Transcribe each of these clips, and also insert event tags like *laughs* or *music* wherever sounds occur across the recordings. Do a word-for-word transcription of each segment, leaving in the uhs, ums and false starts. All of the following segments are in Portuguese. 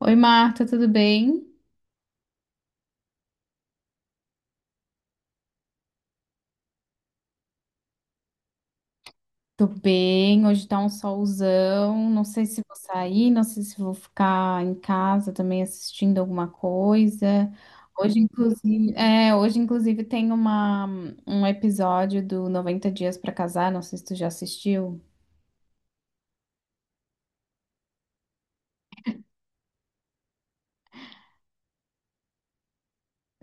Oi, Marta, tudo bem? Tô bem, hoje tá um solzão. Não sei se vou sair, não sei se vou ficar em casa também assistindo alguma coisa. Hoje, inclusive, é, hoje, inclusive, tem uma, um episódio do noventa Dias pra Casar, não sei se tu já assistiu.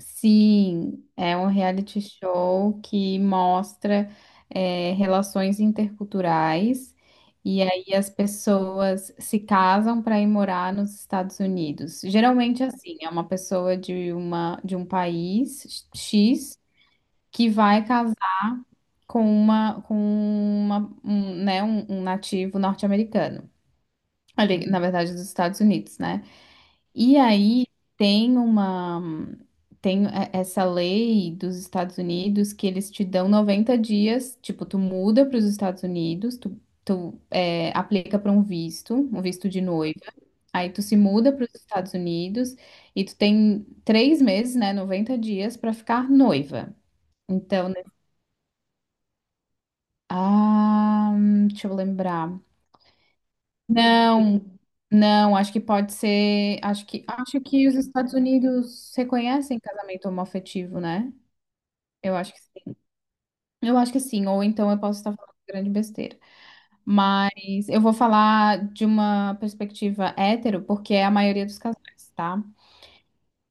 Sim, é um reality show que mostra é, relações interculturais e aí as pessoas se casam para ir morar nos Estados Unidos. Geralmente assim, é uma pessoa de uma de um país X que vai casar com uma com uma um, né, um, um nativo norte-americano. Ali, na verdade, dos Estados Unidos, né? E aí tem uma tem é- essa lei dos Estados Unidos que eles te dão noventa dias, tipo, tu muda para os Estados Unidos, tu, tu é, aplica para um visto, um visto de noiva, aí tu se muda para os Estados Unidos e tu tem três meses, né, noventa dias para ficar noiva. Então, né, ah, hum, deixa eu lembrar. Não, não, acho que pode ser. Acho que, acho que os Estados Unidos reconhecem casamento homoafetivo, né? Eu acho que sim. Eu acho que sim, ou então eu posso estar falando grande besteira. Mas eu vou falar de uma perspectiva hétero, porque é a maioria dos casais, tá?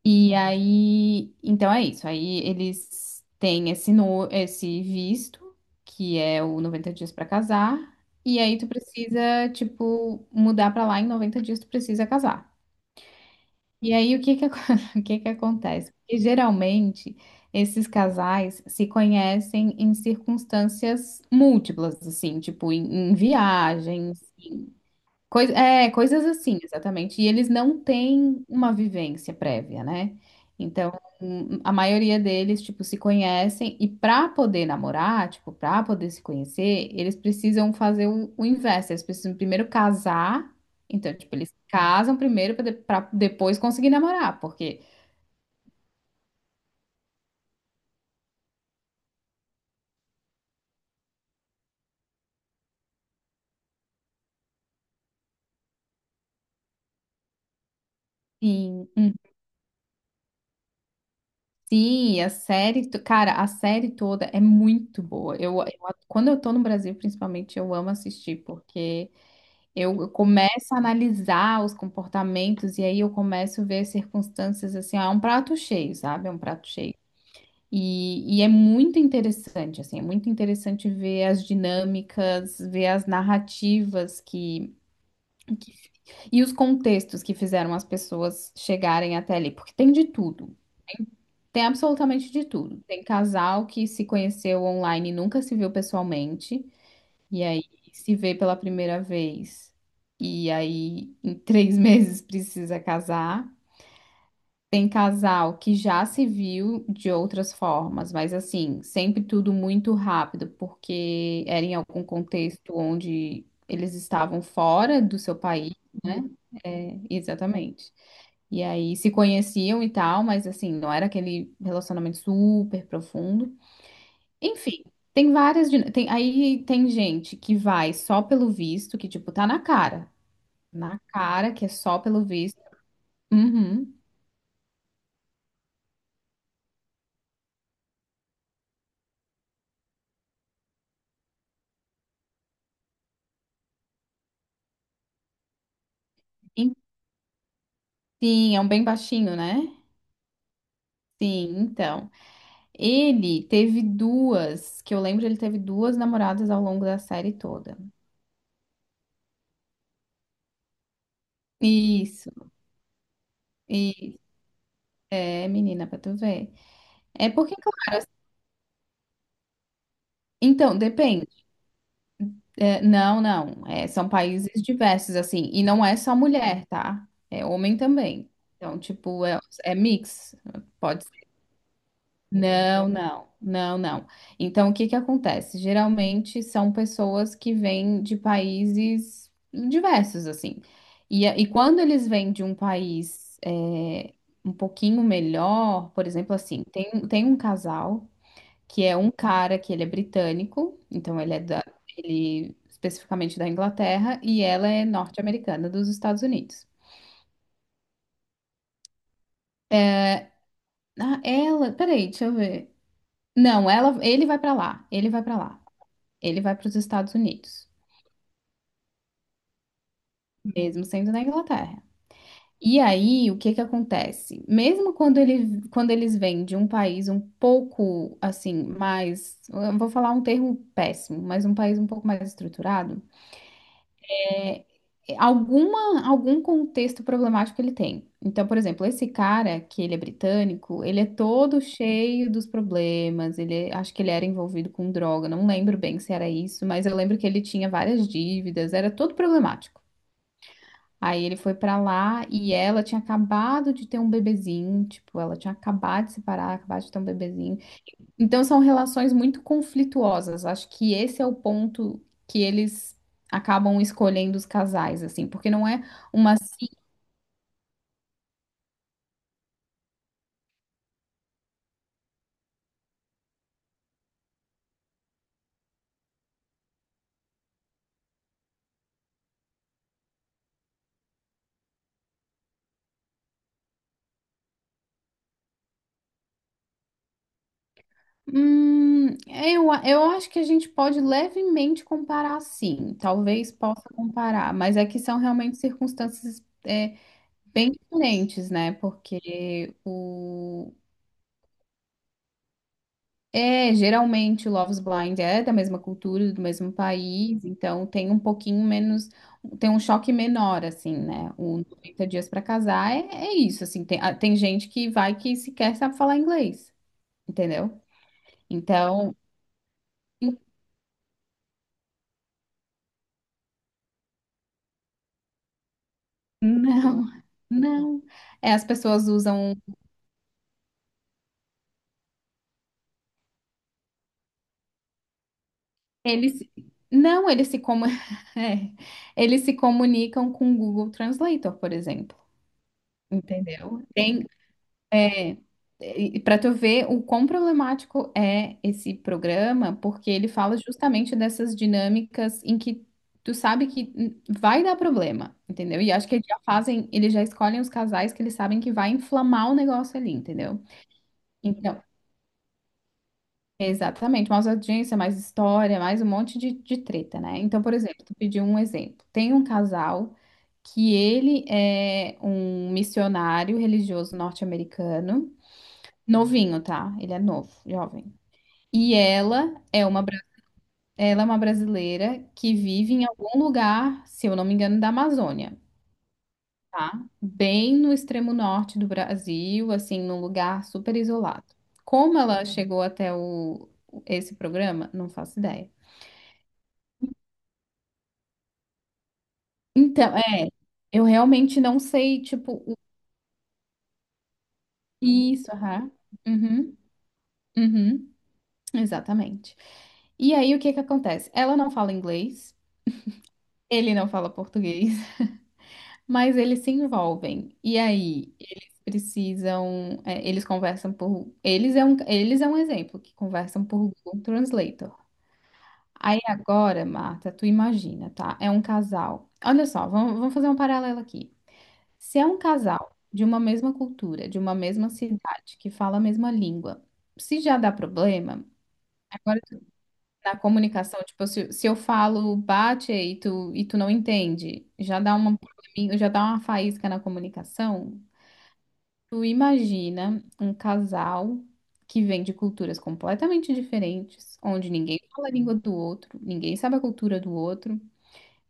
E aí, então é isso. Aí eles têm esse, no, esse visto, que é o noventa dias pra casar, e aí tu precisa, tipo, mudar pra lá em noventa dias tu precisa casar. E aí, o que que, acon- *laughs* o que que acontece? Porque geralmente esses casais se conhecem em circunstâncias múltiplas, assim, tipo em, em viagens. Coisa, é, coisas assim, exatamente. E eles não têm uma vivência prévia, né? Então, a maioria deles, tipo, se conhecem e para poder namorar, tipo, para poder se conhecer, eles precisam fazer o, o inverso. Eles precisam primeiro casar. Então, tipo, eles casam primeiro para depois conseguir namorar, porque sim, hum, sim, a série, to- cara, a série toda é muito boa. Eu, eu- quando eu tô no Brasil, principalmente, eu amo assistir porque Eu eu começo a analisar os comportamentos e aí eu começo a ver as circunstâncias assim, ó, é um prato cheio, sabe? É um prato cheio. E, e é muito interessante, assim, é muito interessante ver as dinâmicas, ver as narrativas que, que e os contextos que fizeram as pessoas chegarem até ali, porque tem de tudo. Tem absolutamente de tudo. Tem casal que se conheceu online e nunca se viu pessoalmente. E aí se vê pela primeira vez. E aí em três *laughs* meses precisa casar. Tem casal que já se viu de outras formas, mas assim, sempre tudo muito rápido, porque era em algum contexto onde eles estavam fora do seu país, né? É, exatamente. E aí se conheciam e tal, mas assim, não era aquele relacionamento super profundo. Enfim, tem várias. din- Tem, aí tem gente que vai só pelo visto, que, tipo, tá na cara. Na cara, que é só pelo visto. Uhum. E- Sim, é um bem baixinho, né? Sim, então. Ele teve duas, que eu lembro, ele teve duas namoradas ao longo da série toda. Isso. E é, menina, pra tu ver. É porque. Então, depende. É, não, não. É, são países diversos, assim. E não é só mulher, tá? É homem também. Então, tipo, é, é mix. Pode ser. Não, não, não, não. Então, o que que acontece? Geralmente são pessoas que vêm de países diversos, assim. E, a- e quando eles vêm de um país é, um pouquinho melhor, por exemplo, assim, tem, tem um casal que é um cara que ele é britânico, então ele é da, ele especificamente da Inglaterra, e ela é norte-americana dos Estados Unidos. Ah, ela, peraí, deixa eu ver. Não, ela, ele vai pra lá, ele vai pra lá, ele vai para os Estados Unidos, mesmo sendo na Inglaterra. E aí, o que que acontece? Mesmo quando ele, quando eles vêm de um país um pouco assim, mais, eu vou falar um termo péssimo, mas um país um pouco mais estruturado é, alguma, algum contexto problemático ele tem. Então, por exemplo, esse cara, que ele é britânico, ele é todo cheio dos problemas, ele, acho que ele era envolvido com droga, não lembro bem se era isso, mas eu lembro que ele tinha várias dívidas, era todo problemático. Aí ele foi pra lá e ela tinha acabado de ter um bebezinho, tipo, ela tinha acabado de separar, acabado de ter um bebezinho. Então são relações muito conflituosas. Acho que esse é o ponto que eles acabam escolhendo os casais, assim, porque não é uma. si- Hum, eu, a- eu acho que a gente pode levemente comparar, sim. Talvez possa comparar, mas é que são realmente circunstâncias é, bem diferentes, né? Porque o É, geralmente o Love is Blind é da mesma cultura, do mesmo país, então tem um pouquinho menos, tem um choque menor, assim, né? O noventa dias pra casar é, é isso, assim, tem, ah, tem gente que vai que sequer sabe falar inglês, entendeu? Então, en- não, *laughs* não. É, as pessoas usam, eles, não, eles se, comu- *laughs* é, eles se comunicam com o Google Translator, por exemplo, entendeu? Tem, É, para tu ver o quão problemático é esse programa, porque ele fala justamente dessas dinâmicas em que tu sabe que hum, vai dar problema, entendeu? E acho que eles já fazem, eles já escolhem os casais que eles sabem que vai inflamar o negócio ali, entendeu? Então, exatamente, mais audiência, mais história, mais um monte de, de treta, né? Então, por exemplo, tu pediu um exemplo. Tem um casal que ele é um missionário religioso norte-americano. Novinho, tá? Ele é novo, jovem. E ela é uma, bra- ela é uma brasileira que vive em algum lugar, se eu não me engano, da Amazônia, tá? Bem no extremo norte do Brasil, assim, num lugar super isolado. Como ela chegou até o, esse programa, não faço ideia. Então, é, eu realmente não sei, tipo, o- isso, aham. Uhum, uhum, exatamente. E aí, o que que acontece? Ela não fala inglês, ele não fala português. Mas eles se envolvem. E aí, eles precisam. É, eles conversam por. Eles é um, eles é um exemplo que conversam por Google Translator. Aí agora, Marta, tu imagina, tá? É um casal. Olha só, vamos, vamos fazer um paralelo aqui. Se é um casal de uma mesma cultura, de uma mesma cidade, que fala a mesma língua, se já dá problema, agora tu- na comunicação, tipo, se, se eu falo bate e tu, e tu não entende, já dá uma, probleminha- já dá uma faísca na comunicação. Tu imagina um casal que vem de culturas completamente diferentes, onde ninguém fala a língua do outro, ninguém sabe a cultura do outro,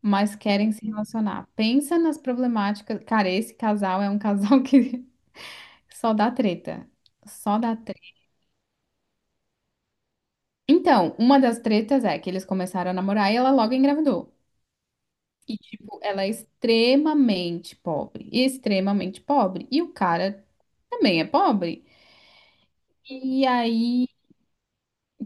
mas querem se relacionar. Pensa nas problemáticas. Cara, esse casal é um casal *laughs* que só dá treta. Só dá treta. Então, uma das tretas é que eles começaram a namorar e ela logo engravidou. E, tipo, ela é extremamente pobre. Extremamente pobre. E o cara também é pobre. E aí.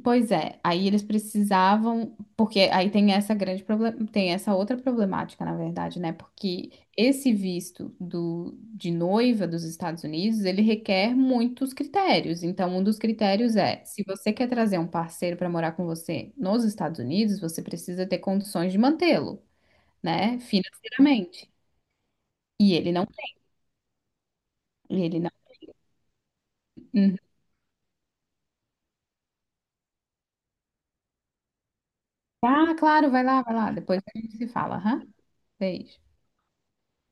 Pois é, aí eles precisavam, porque aí tem essa grande problema, tem essa outra problemática, na verdade, né? Porque esse visto do, de noiva dos Estados Unidos, ele requer muitos critérios. Então, um dos critérios é, se você quer trazer um parceiro para morar com você nos Estados Unidos, você precisa ter condições de mantê-lo, né? Financeiramente. E ele não, ele não. Uhum. Ah, claro, vai lá, vai lá, depois a gente se fala, aham. Beijo.